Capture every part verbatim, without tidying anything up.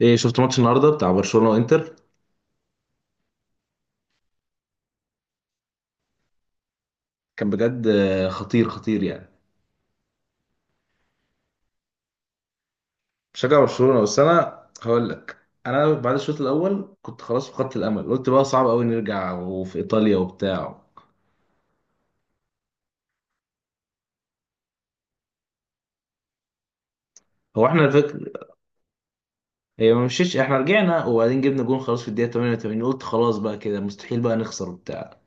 ايه، شفت ماتش النهارده بتاع برشلونة وانتر؟ كان بجد آه، خطير خطير يعني. بشجع برشلونة، بس انا هقول لك. انا بعد الشوط الاول كنت خلاص فقدت الامل، قلت بقى صعب قوي نرجع وفي ايطاليا وبتاع. هو احنا الفكر. هي ما مشيتش، احنا رجعنا وبعدين جبنا جون، خلاص في الدقيقة تمنية وتمانين، قلت خلاص بقى كده مستحيل بقى نخسر وبتاع.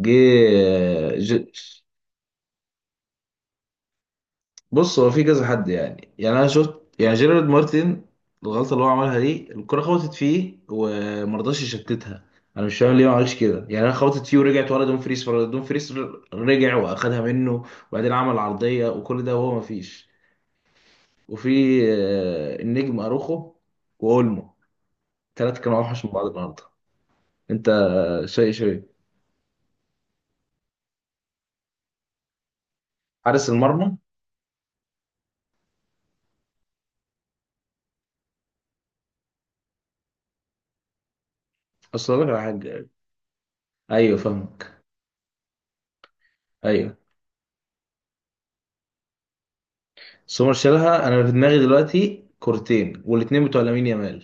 جه. آه، ج- بص هو في كذا حد، يعني يعني انا شفت يعني جيرارد مارتن. الغلطه اللي هو عملها دي الكره خبطت فيه ومرضاش يشتتها. انا مش فاهم ليه ما عملش كده، يعني انا خبطت فيه ورجعت ورا دوم فريس دوم فريس، رجع واخدها منه وبعدين عمل عرضيه وكل ده وهو ما فيش. وفي آه، النجم اروخو واولمو، الثلاثه كانوا اوحش من بعض النهارده. انت شيء شيء حارس المرمى. اصل أقول لك على حاجه. ايوه، فاهمك. ايوه سومر شالها، انا في دماغي دلوقتي كورتين، والاتنين بتوع لامين يامال.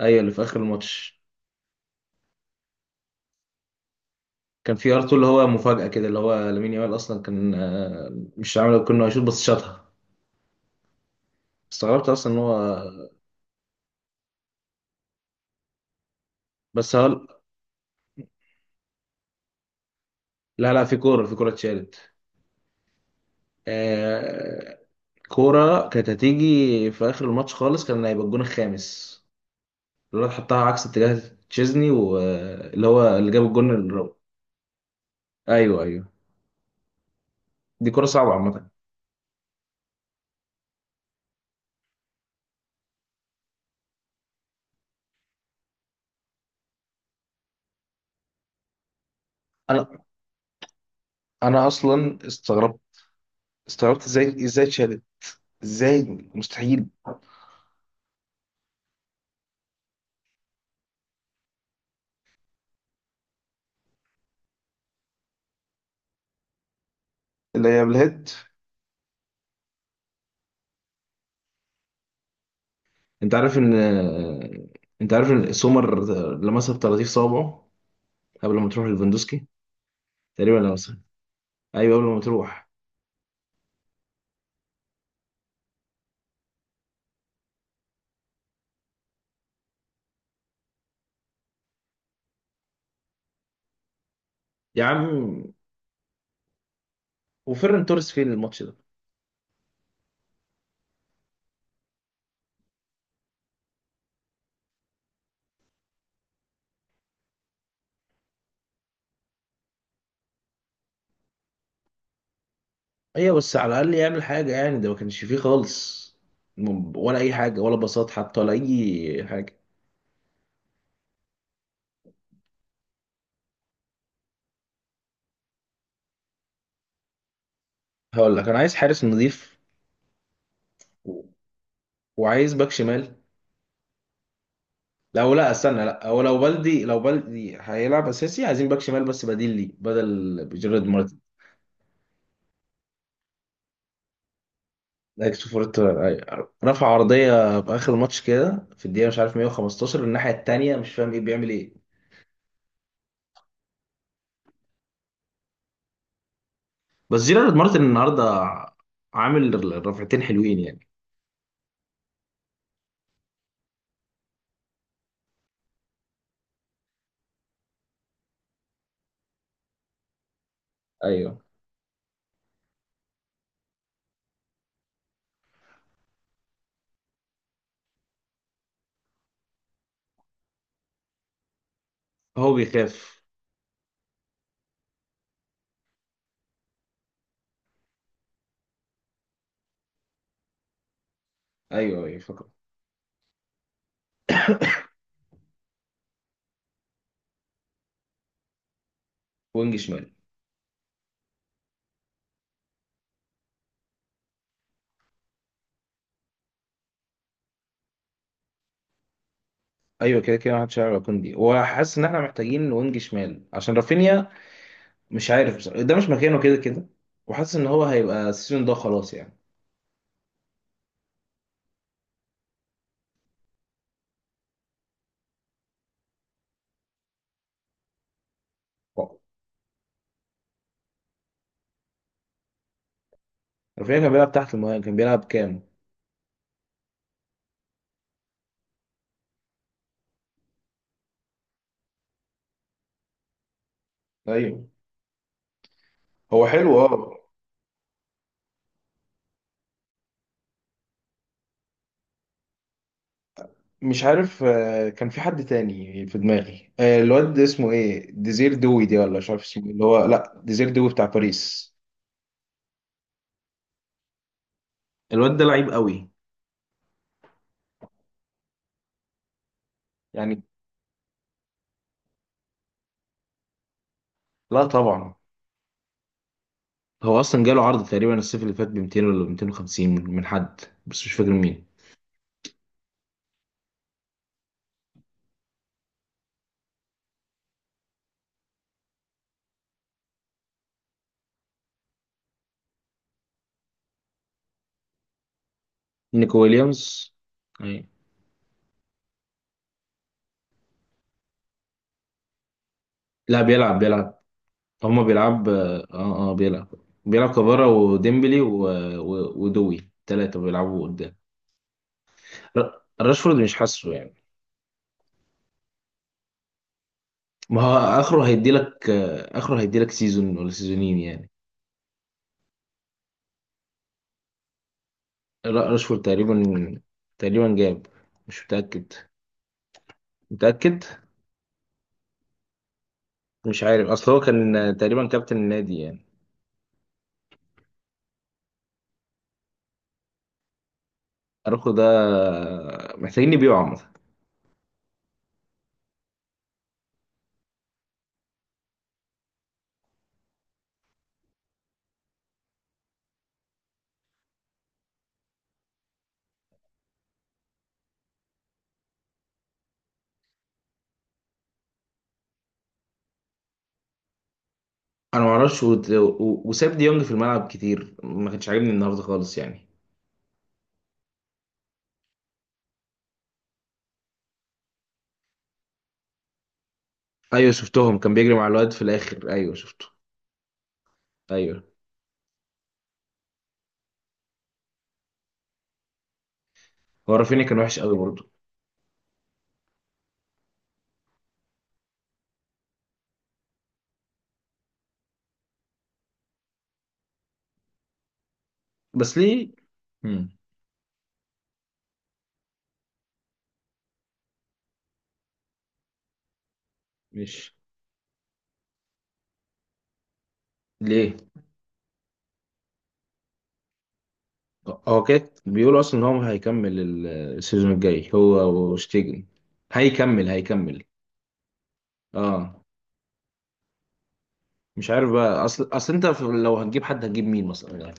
ايوه اللي في اخر الماتش. كان في ار2 اللي هو مفاجاه كده، اللي هو لامين يامال اصلا كان آه، مش عامل كنا هيشوط بس شاطها. استغربت اصلا ان هو. بس هل... لا، لا، في كوره في كوره اتشالت. آه... كوره كانت هتيجي في اخر الماتش خالص، كان هيبقى الجون الخامس. الواد حطها عكس اتجاه تشيزني، واللي هو اللي جاب الجون الرابع. ايوه، ايوه. دي كوره صعبه عامه. انا انا اصلا استغربت استغربت ازاي ازاي اتشالت ازاي! مستحيل. اللي هي بالهيد. انت عارف ان انت عارف ان سومر لمسها بطراطيف صوابعه قبل ما تروح ليفاندوسكي، تقريبا لمسها. ايوه قبل ما تروح. يا عم، وفيرن توريس فين الماتش ده؟ ايوه، بس على الاقل يعمل حاجه يعني، ده ما كانش فيه خالص. م- ولا اي حاجه، ولا باصات حتى، ولا اي حاجه. هقول لك، انا عايز حارس نظيف، و- وعايز باك شمال. لو، لا استنى، لا، هو لو بلدي لو بلدي هيلعب اساسي، عايزين باك شمال بس بديل ليه بدل جيرارد مارتن. اكس فورتون، أيوة. رفع عرضيه في اخر الماتش كده في الدقيقه مش عارف مية وخمستاشر، الناحيه التانيه، مش فاهم ايه بيعمل ايه. بس جيرارد مارتن النهارده عامل رفعتين حلوين يعني. ايوه، هو بيخاف. ايوه، ايوه، فكر. وينج شمال. ايوه، كده كده محدش يعرف كوندي، وحاسس ان احنا محتاجين وينج شمال عشان رافينيا. مش عارف بصراحة. ده مش مكانه كده كده. وحاسس ان هو هيبقى السيزون ده خلاص يعني. رافينيا كان بيلعب تحت المهاجم، كان بيلعب كام. ايوه، هو حلو، اه. مش عارف، آه، كان في حد تاني في دماغي، آه، الواد اسمه ايه، ديزير دوي دي، ولا مش عارف اسمه إيه، اللي هو لا ديزير دوي بتاع باريس. الواد ده لعيب قوي يعني. لا، طبعا. هو اصلا جاله عرض تقريبا الصيف اللي فات ب ميتين ولا ميتين وخمسين من حد، بس مش فاكر مين. نيكو ويليامز، أي. لا، بيلعب بيلعب. هما بيلعب، اه، اه، آه، بيلعب. بيلعب كفارا وديمبلي و... و... ودوي، ثلاثة بيلعبوا قدام. ر- راشفورد مش حاسه يعني. ما هو اخره هيديلك، آه، اخره هيديلك سيزون ولا سيزونين يعني. لا، راشفورد تقريبا، تقريبا جاب، مش متأكد، متأكد. مش عارف اصل هو كان آه، تقريبا كابتن النادي يعني. اراخو ده آه، محتاجين يبيعوا عامة. انا ما اعرفش وت- و- وساب ديونج في الملعب كتير، ما كانش عاجبني النهارده خالص يعني. ايوه شفتهم كان بيجري مع الواد في الاخر، ايوه شفته. ايوه، هو رافينيا كان وحش قوي برضه. بس ليه؟ مم. مش ليه؟ هو كده بيقولوا اصلا ان هو هيكمل ال- السيزون الجاي هو وشتيجن. هيكمل هيكمل. اه. مش عارف بقى، اصل اصل انت في- لو هتجيب حد هتجيب مين مثلا يعني؟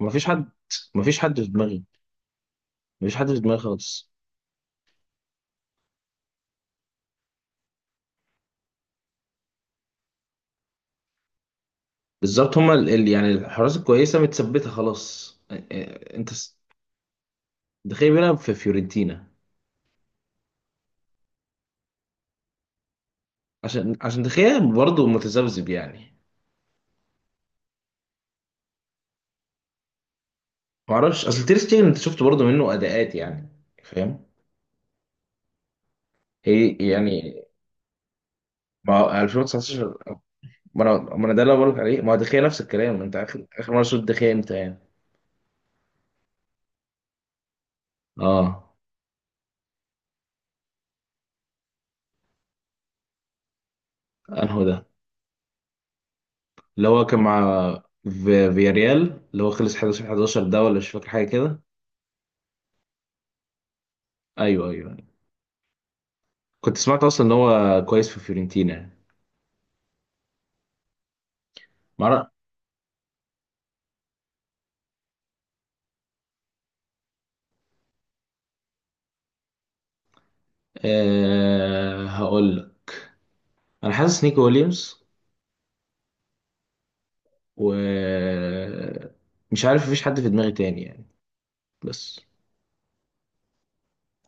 مفيش حد. مفيش حد في دماغي. مفيش حد في دماغي خالص. بالظبط هما ال- ال- يعني الحراس الكويسه متثبته خلاص، آه، آه، انت س- تخيل بيلعب في فيورنتينا. عشان عشان تخيل برضه متذبذب يعني. معرفش، اصل تير شتيجن انت شفت برضه منه اداءات يعني، فاهم، هي يعني. ما هو ألفين وتسعتاشر. ما انا ما انا ده اللي بقولك عليه، ما هو دخيا نفس الكلام. انت اخر اخر مره شفت دخيا امتى يعني؟ اه. انهو ده، اللي هو كان مع، في فياريال، اللي هو خلص حداشر حداشر ده، ولا مش فاكر حاجه كده. ايوه، ايوه، أيوة. كنت سمعت اصلا ان هو كويس في فيورنتينا يعني. مره. أه هقول لك، انا حاسس نيكو ويليامز، و، مش عارف، مفيش حد في دماغي تاني يعني. بس